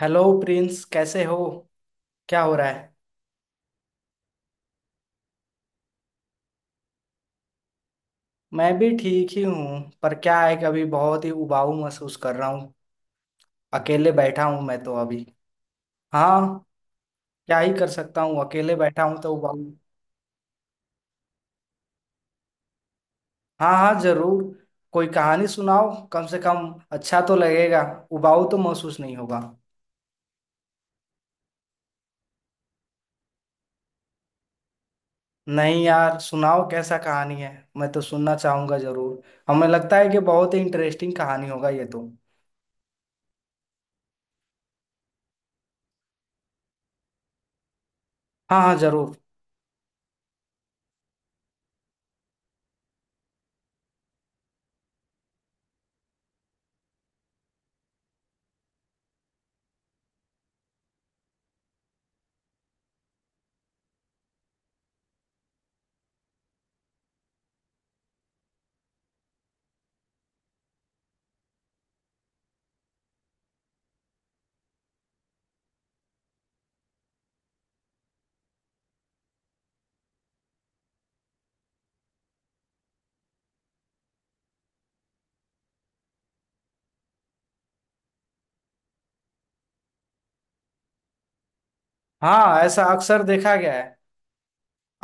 Hello Prince, कैसे हो। क्या हो रहा है। मैं भी ठीक ही हूँ, पर क्या है कि अभी बहुत ही उबाऊ महसूस कर रहा हूँ। अकेले बैठा हूँ मैं तो अभी। हाँ। क्या ही कर सकता हूँ, अकेले बैठा हूँ तो उबाऊ। हाँ हाँ, जरूर। कोई कहानी सुनाओ, कम से कम अच्छा तो लगेगा। उबाऊ तो महसूस नहीं होगा। नहीं यार, सुनाओ कैसा कहानी है। मैं तो सुनना चाहूंगा जरूर। हमें लगता है कि बहुत ही इंटरेस्टिंग कहानी होगा ये तो। हाँ हाँ, जरूर। हाँ, ऐसा अक्सर देखा गया है।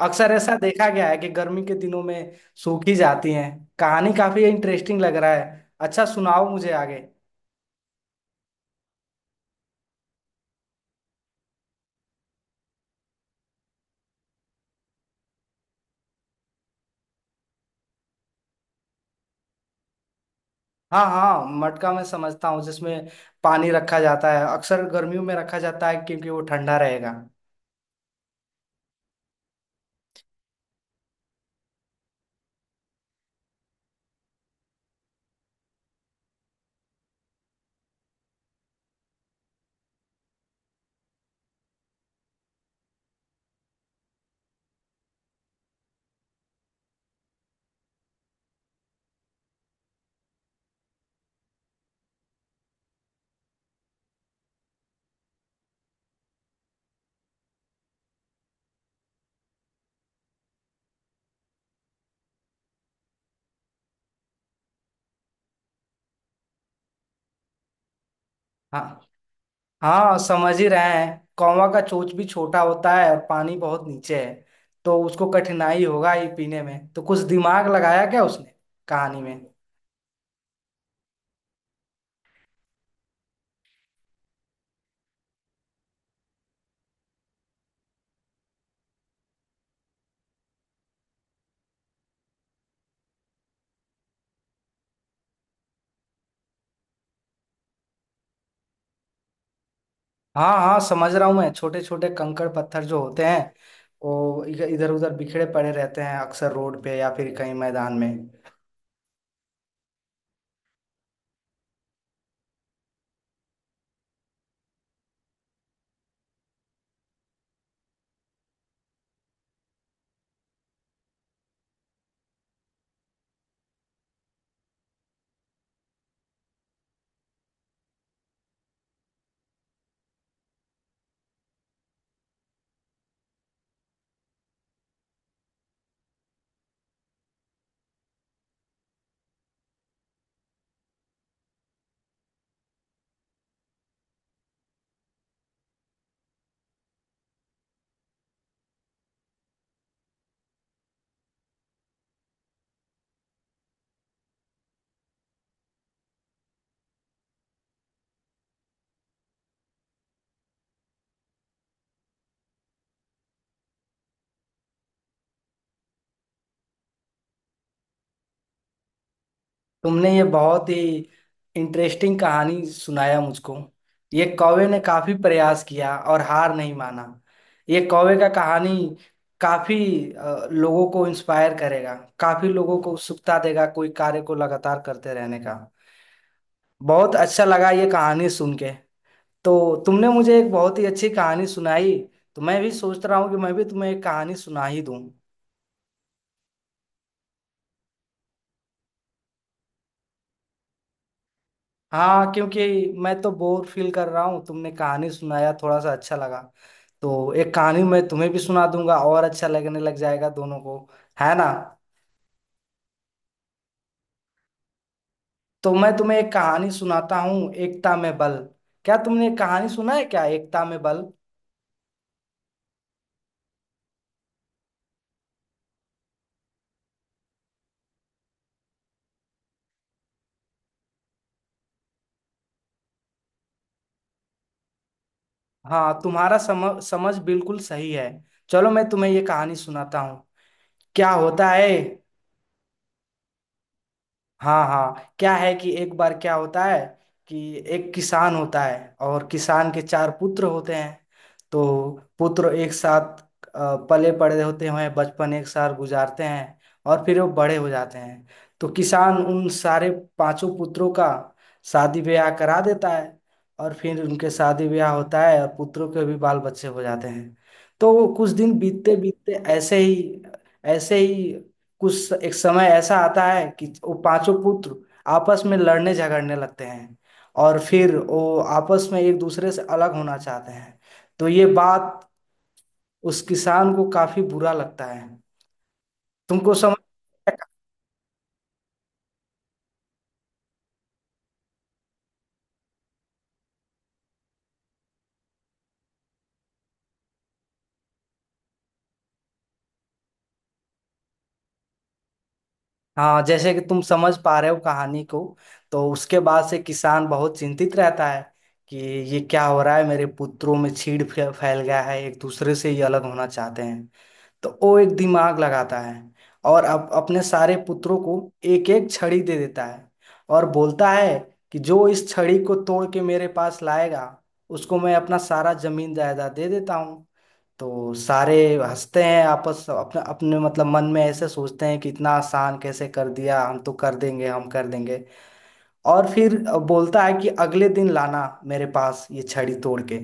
अक्सर ऐसा देखा गया है कि गर्मी के दिनों में सूखी जाती हैं। कहानी काफी इंटरेस्टिंग लग रहा है, अच्छा सुनाओ मुझे आगे। हाँ हाँ, मटका मैं समझता हूँ, जिसमें पानी रखा जाता है। अक्सर गर्मियों में रखा जाता है क्योंकि वो ठंडा रहेगा। हाँ हाँ, समझ ही रहे हैं। कौवा का चोंच भी छोटा होता है और पानी बहुत नीचे है, तो उसको कठिनाई होगा ही पीने में। तो कुछ दिमाग लगाया क्या उसने कहानी में। हाँ हाँ, समझ रहा हूँ मैं। छोटे छोटे कंकड़ पत्थर जो होते हैं वो इधर उधर बिखरे पड़े रहते हैं, अक्सर रोड पे या फिर कहीं मैदान में। तुमने ये बहुत ही इंटरेस्टिंग कहानी सुनाया मुझको। ये कौवे ने काफी प्रयास किया और हार नहीं माना। ये कौवे का कहानी काफी लोगों को इंस्पायर करेगा। काफी लोगों को उत्सुकता देगा कोई कार्य को लगातार करते रहने का। बहुत अच्छा लगा ये कहानी सुन के। तो तुमने मुझे एक बहुत ही अच्छी कहानी सुनाई। तो मैं भी सोच रहा हूँ कि मैं भी तुम्हें एक कहानी सुना ही दूँ। हाँ, क्योंकि मैं तो बोर फील कर रहा हूँ। तुमने कहानी सुनाया थोड़ा सा अच्छा लगा, तो एक कहानी मैं तुम्हें भी सुना दूंगा और अच्छा लगने लग जाएगा दोनों को। है ना। तो मैं तुम्हें एक कहानी सुनाता हूँ, एकता में बल। क्या तुमने एक कहानी सुना है क्या, एकता में बल। हाँ, तुम्हारा समझ समझ बिल्कुल सही है। चलो मैं तुम्हें ये कहानी सुनाता हूँ क्या होता है। हाँ हाँ, क्या है कि एक बार क्या होता है कि एक किसान होता है और किसान के चार पुत्र होते हैं। तो पुत्र एक साथ पले बड़े होते हैं, बचपन एक साथ गुजारते हैं। और फिर वो बड़े हो जाते हैं। तो किसान उन सारे पांचों पुत्रों का शादी ब्याह करा देता है। और फिर उनके शादी ब्याह होता है और पुत्रों के भी बाल बच्चे हो जाते हैं। तो कुछ दिन बीतते बीतते ऐसे ही कुछ एक समय ऐसा आता है कि वो पांचों पुत्र आपस में लड़ने झगड़ने लगते हैं। और फिर वो आपस में एक दूसरे से अलग होना चाहते हैं। तो ये बात उस किसान को काफी बुरा लगता है। तुमको समझ। हाँ, जैसे कि तुम समझ पा रहे हो कहानी को। तो उसके बाद से किसान बहुत चिंतित रहता है कि ये क्या हो रहा है, मेरे पुत्रों में चीड़ फैल गया है, एक दूसरे से ये अलग होना चाहते हैं। तो वो एक दिमाग लगाता है। और अब अपने सारे पुत्रों को एक एक छड़ी दे देता है और बोलता है कि जो इस छड़ी को तोड़ के मेरे पास लाएगा उसको मैं अपना सारा जमीन जायदाद दे देता हूँ। तो सारे हंसते हैं, आपस अपने अपने मतलब मन में ऐसे सोचते हैं कि इतना आसान कैसे कर दिया, हम तो कर देंगे हम कर देंगे। और फिर बोलता है कि अगले दिन लाना मेरे पास ये छड़ी तोड़ के।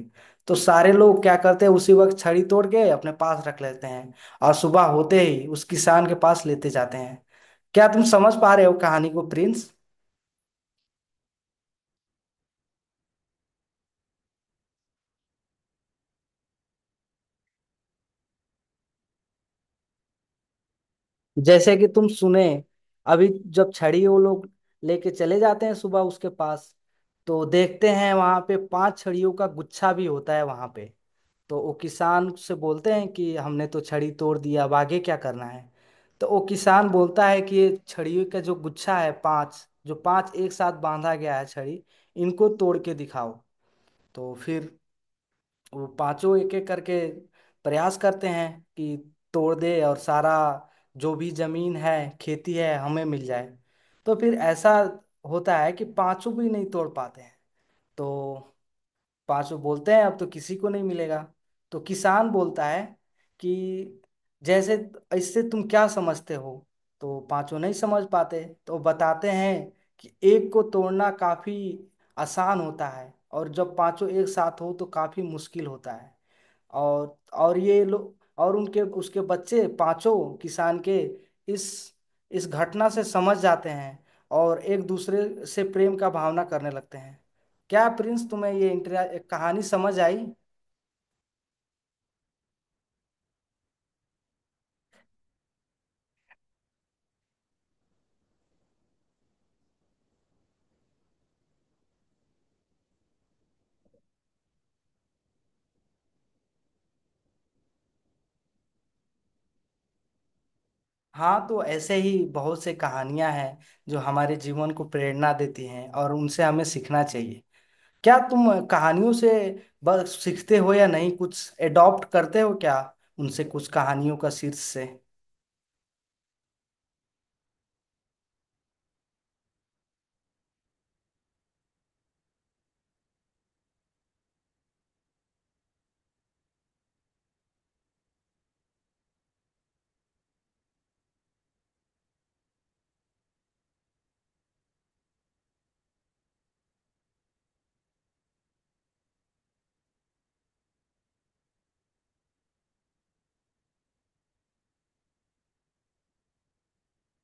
तो सारे लोग क्या करते हैं, उसी वक्त छड़ी तोड़ के अपने पास रख लेते हैं। और सुबह होते ही उस किसान के पास लेते जाते हैं। क्या तुम समझ पा रहे हो कहानी को प्रिंस। जैसे कि तुम सुने अभी, जब छड़ी वो लोग लेके चले जाते हैं सुबह उसके पास, तो देखते हैं वहां पे पांच छड़ियों का गुच्छा भी होता है वहां पे। तो वो किसान से बोलते हैं कि हमने तो छड़ी तोड़ दिया, अब आगे क्या करना है। तो वो किसान बोलता है कि ये छड़ियों का जो गुच्छा है, पांच जो पांच एक साथ बांधा गया है छड़ी, इनको तोड़ के दिखाओ। तो फिर वो पांचों एक एक करके प्रयास करते हैं कि तोड़ दे और सारा जो भी जमीन है खेती है हमें मिल जाए। तो फिर ऐसा होता है कि पांचों भी नहीं तोड़ पाते हैं। तो पांचों बोलते हैं अब तो किसी को नहीं मिलेगा। तो किसान बोलता है कि जैसे, इससे तुम क्या समझते हो। तो पांचों नहीं समझ पाते, तो बताते हैं कि एक को तोड़ना काफी आसान होता है, और जब पांचों एक साथ हो तो काफी मुश्किल होता है। और ये लोग और उनके उसके बच्चे पांचों किसान के इस इस घटना से समझ जाते हैं और एक दूसरे से प्रेम का भावना करने लगते हैं। क्या प्रिंस, तुम्हें ये कहानी समझ आई। हाँ, तो ऐसे ही बहुत से कहानियां हैं जो हमारे जीवन को प्रेरणा देती हैं और उनसे हमें सीखना चाहिए। क्या तुम कहानियों से बस सीखते हो या नहीं कुछ एडॉप्ट करते हो क्या उनसे, कुछ कहानियों का शीर्ष से।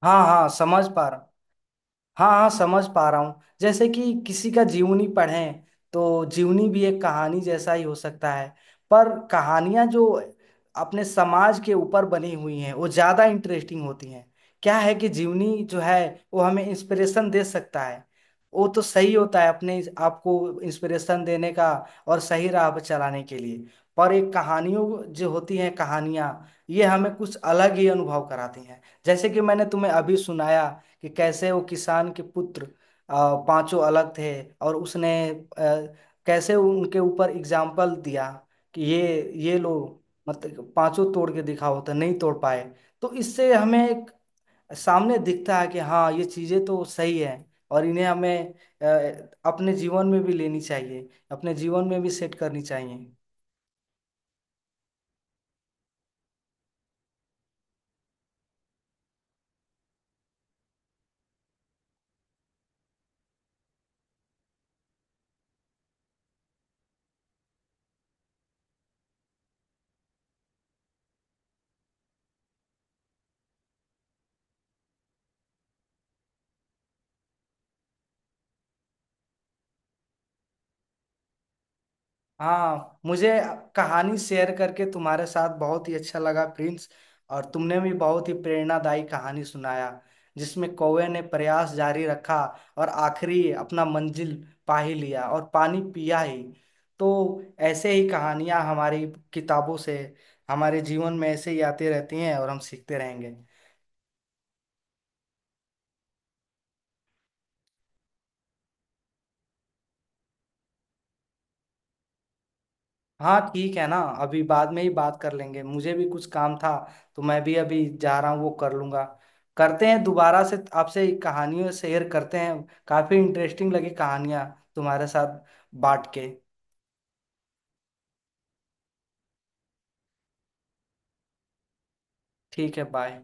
हाँ हाँ, समझ पा रहा हूँ। हाँ हाँ, समझ पा रहा हूँ। जैसे कि किसी का जीवनी पढ़ें, तो जीवनी भी एक कहानी जैसा ही हो सकता है। पर कहानियाँ जो अपने समाज के ऊपर बनी हुई हैं वो ज़्यादा इंटरेस्टिंग होती हैं। क्या है कि जीवनी जो है वो हमें इंस्पिरेशन दे सकता है। वो तो सही होता है अपने आपको इंस्पिरेशन देने का और सही राह पर चलाने के लिए। पर एक कहानियों जो होती हैं कहानियाँ, ये हमें कुछ अलग ही अनुभव कराती हैं, जैसे कि मैंने तुम्हें अभी सुनाया कि कैसे वो किसान के पुत्र पांचों अलग थे और उसने कैसे उनके ऊपर एग्जाम्पल दिया कि ये लोग मतलब पांचों तोड़ के दिखाओ तो नहीं तोड़ पाए। तो इससे हमें एक सामने दिखता है कि हाँ, ये चीजें तो सही है और इन्हें हमें अ, अपने जीवन में भी लेनी चाहिए, अपने जीवन में भी सेट करनी चाहिए। हाँ, मुझे कहानी शेयर करके तुम्हारे साथ बहुत ही अच्छा लगा प्रिंस। और तुमने भी बहुत ही प्रेरणादायी कहानी सुनाया जिसमें कौवे ने प्रयास जारी रखा और आखिरी अपना मंजिल पा ही लिया और पानी पिया ही। तो ऐसे ही कहानियां हमारी किताबों से हमारे जीवन में ऐसे ही आती रहती हैं और हम सीखते रहेंगे। हाँ, ठीक है ना। अभी बाद में ही बात कर लेंगे, मुझे भी कुछ काम था। तो मैं भी अभी जा रहा हूँ, वो कर लूंगा। करते हैं दोबारा से आपसे कहानियों शेयर करते हैं, काफी इंटरेस्टिंग लगी कहानियाँ तुम्हारे साथ बांट के। ठीक है, बाय।